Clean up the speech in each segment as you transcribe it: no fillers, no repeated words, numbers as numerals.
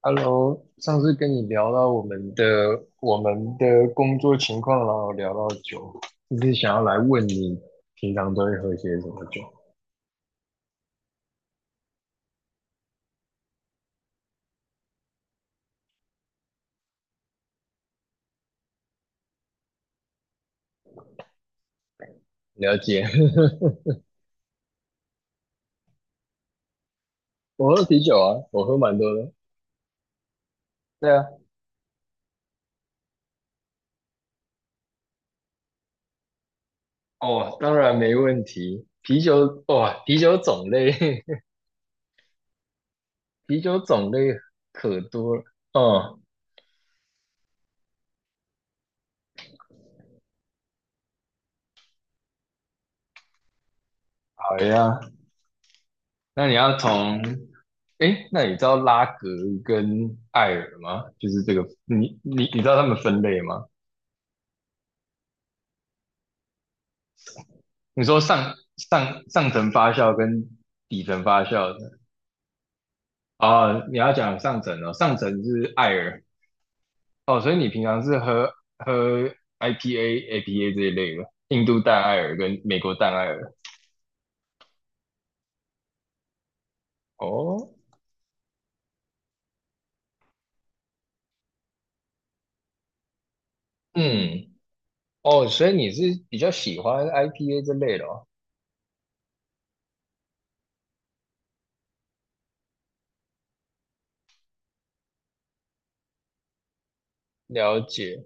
Hello，上次跟你聊到我们的工作情况，然后聊到酒，就是想要来问你平常都会喝些什么酒？了解，我喝啤酒啊，我喝蛮多的。对啊，哦，当然没问题。啤酒，哇、啤酒种类，啤酒种类可多了。嗯，好呀。那你要从，诶，那你知道拉格跟艾尔吗？就是这个，你知道他们分类吗？你说上层发酵跟底层发酵的哦，你要讲上层哦，上层是艾尔哦，所以你平常是喝 IPA、APA 这一类的，印度淡艾尔跟美国淡艾尔哦，嗯，哦，所以你是比较喜欢 IPA 这类的哦，了解。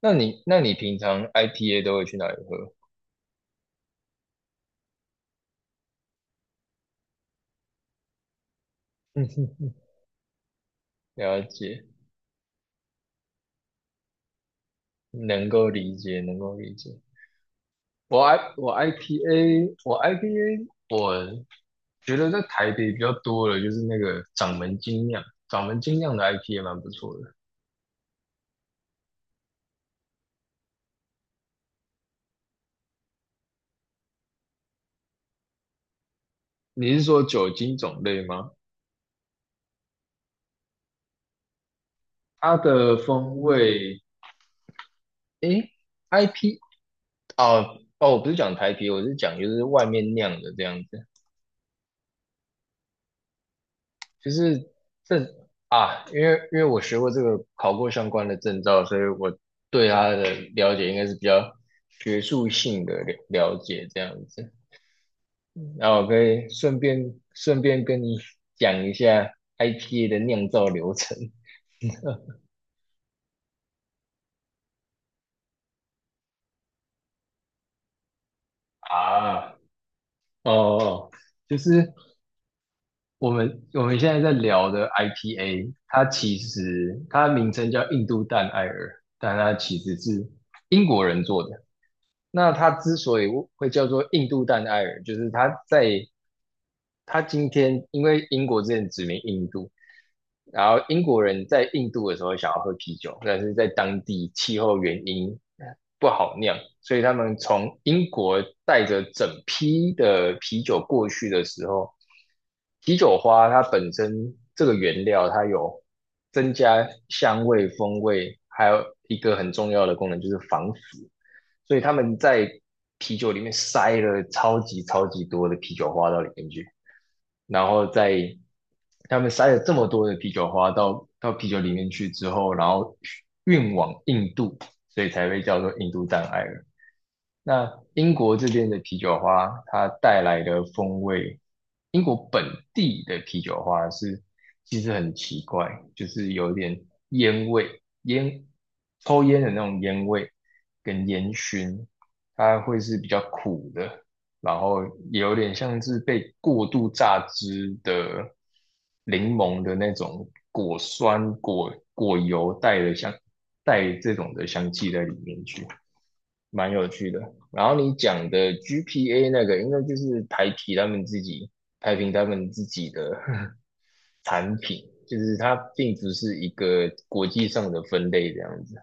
那你平常 IPA 都会去哪里喝？了解，能够理解，能够理解。我 I 我 IPA IPA 我觉得在台北比较多的就是那个掌门精酿，掌门精酿的 IP 也蛮不错的。你是说酒精种类吗？它的风味，诶，IP 哦哦，我不是讲台啤，我是讲就是外面酿的这样子，就是这啊，因为我学过这个，考过相关的证照，所以我对它的了解应该是比较学术性的了解这样子。那我可以顺便跟你讲一下 IPA 的酿造流程。啊，哦哦，就是我们现在在聊的 IPA，它其实它名称叫印度淡艾尔，但它其实是英国人做的。那它之所以会叫做印度淡艾尔，就是它在他今天因为英国之前殖民印度，然后英国人在印度的时候想要喝啤酒，但是在当地气候原因不好酿，所以他们从英国带着整批的啤酒过去的时候，啤酒花它本身这个原料它有增加香味、风味，还有一个很重要的功能就是防腐，所以他们在啤酒里面塞了超级超级多的啤酒花到里面去。然后在他们塞了这么多的啤酒花到啤酒里面去之后，然后运往印度，所以才被叫做印度障碍了。那英国这边的啤酒花，它带来的风味，英国本地的啤酒花是其实很奇怪，就是有点烟味，烟抽烟的那种烟味跟烟熏，它会是比较苦的，然后也有点像是被过度榨汁的柠檬的那种果酸果果油带的香带这种的香气在里面去。蛮有趣的。然后你讲的 GPA 那个，应该就是台啤他们自己台啤他们自己的 产品，就是它并不是一个国际上的分类这样子。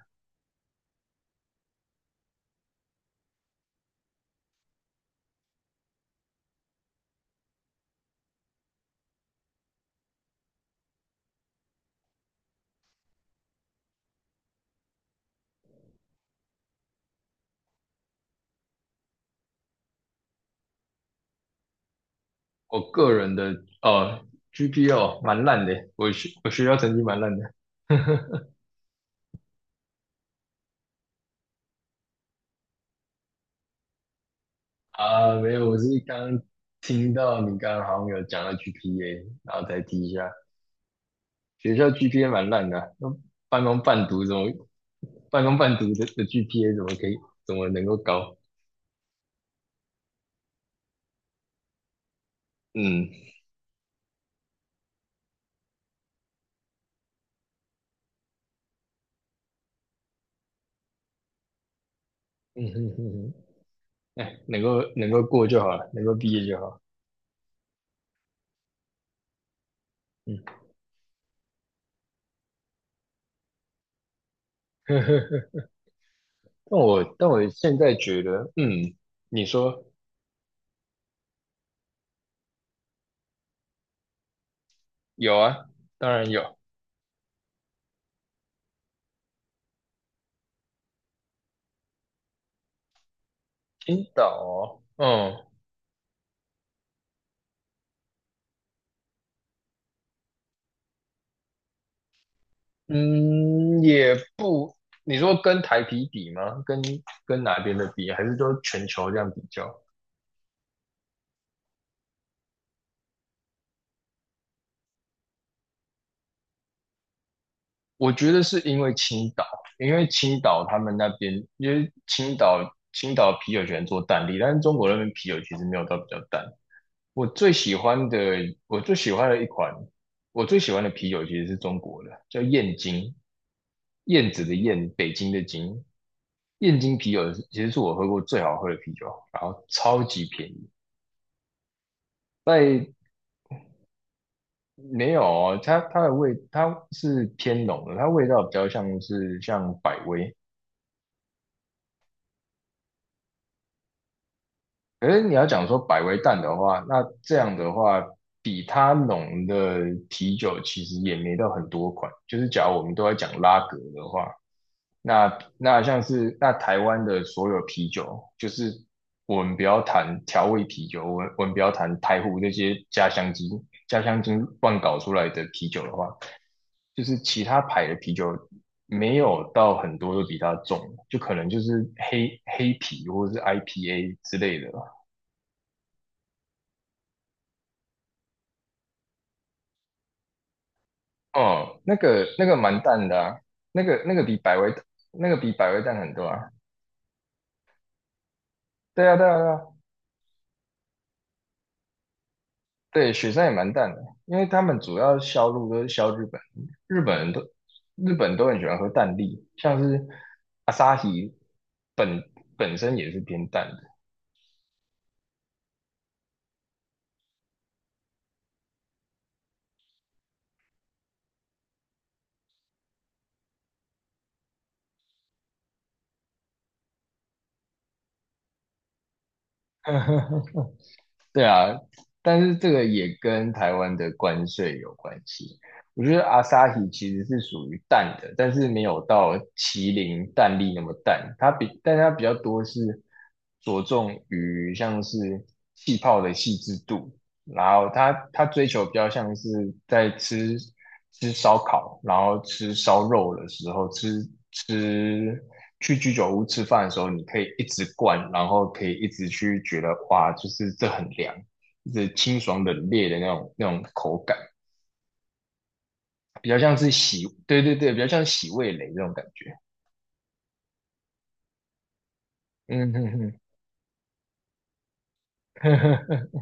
我个人的哦 GPA 哦蛮烂的，我学校成绩蛮烂的。啊，没有，我是刚听到你刚刚好像有讲到 GPA，然后再提一下。学校 GPA 蛮烂的啊那半工半读怎么半工半读的 GPA 怎么可以怎么能够高？嗯嗯哼哼哼，哎，能够过就好了，能够毕业就好。嗯，但我现在觉得，嗯，你说有啊，当然有，青岛哦，嗯嗯，也不，你说跟台啤比吗？跟哪边的比，还是说全球这样比较？我觉得是因为青岛，因为青岛他们那边，因为青岛啤酒喜欢做淡力，但是中国那边啤酒其实没有到比较淡。我最喜欢的，我最喜欢的一款，我最喜欢的啤酒其实是中国的，叫燕京，燕子的燕，北京的京。燕京啤酒其实是我喝过最好喝的啤酒，然后超级便宜。在没有哦，它的味它是偏浓的，它味道比较像是像百威，可是你要讲说百威淡的话，那这样的话，比它浓的啤酒其实也没到很多款。就是假如我们都在讲拉格的话，那像是那台湾的所有啤酒，就是我们不要谈调味啤酒，我们不要谈台湖那些家乡精、家乡精乱搞出来的啤酒的话，就是其他牌的啤酒没有到很多都比它重，就可能就是黑黑啤或者是 IPA 之类的。哦，那个蛮淡的啊，那个那个比百威那个比百威淡很多啊。对啊，对啊，对啊，对，雪山也蛮淡的，因为他们主要销路都是销日本，日本人都日本都很喜欢喝淡力，像是阿萨奇本本身也是偏淡的。对啊，但是这个也跟台湾的关税有关系。我觉得阿萨希其实是属于淡的，但是没有到麒麟淡丽那么淡。它比，但它比较多是着重于像是气泡的细致度，然后他追求比较像是在吃烧烤，然后吃烧肉的时候，吃去居酒屋吃饭的时候，你可以一直灌，然后可以一直去觉得哇，就是这很凉，就是清爽冷冽的那种口感，比较像是洗，对对对，比较像洗味蕾这种感觉。嗯哼哼，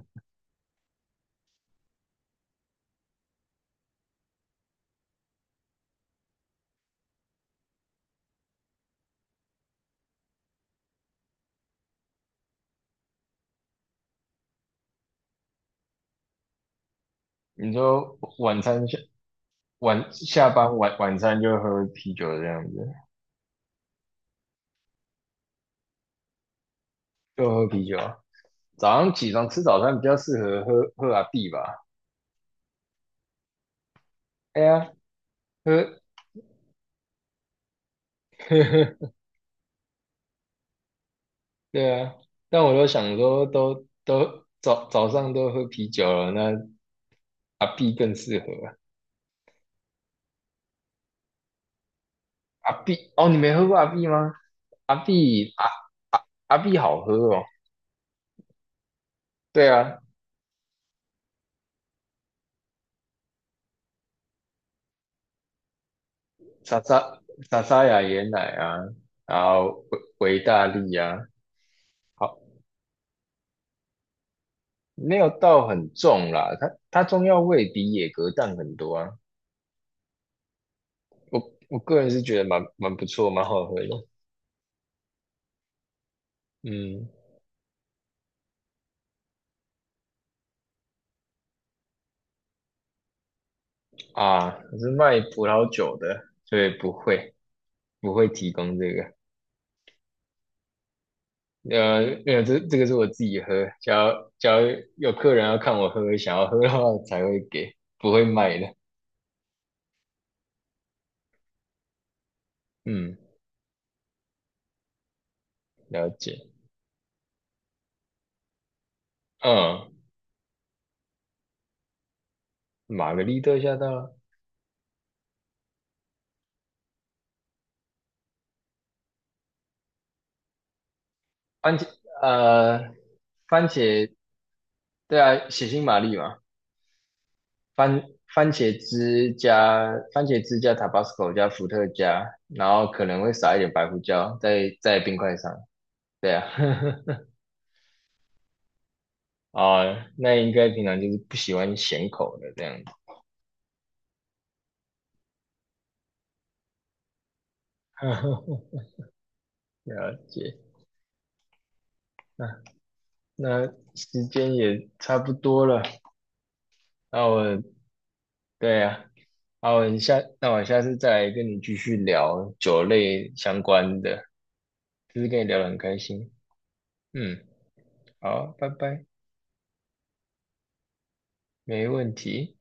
你说晚餐下晚下班晚餐就喝啤酒这样子，就喝啤酒啊早上起床吃早餐比较适合喝阿碧吧？哎呀，喝 呵呵，对啊。但我都想说都，都早上都喝啤酒了，那阿碧更适合。阿碧哦，你没喝过阿碧吗？阿碧阿阿阿碧好喝哦。对啊，莎莎莎莎雅椰奶啊，然后维大利啊，好，没有到很重啦。它中药味比野格淡很多啊。我我个人是觉得蛮不错，蛮好喝的。嗯啊，我是卖葡萄酒的，所以不会提供这个。呃，没有，这个是我自己喝，只要有客人要看我喝，想要喝的话才会给，不会卖的。嗯，了解。嗯，玛格丽特下到番茄，呃，番茄，对啊，血腥玛丽嘛，番番茄汁加番茄汁加 Tabasco 加伏特加，然后可能会撒一点白胡椒在冰块上。对啊。啊，那应该平常就是不喜欢咸口的这样子。了解，那那时间也差不多了，那我对啊，那我下次再来跟你继续聊酒类相关的，就是跟你聊得很开心。嗯，好，拜拜，没问题。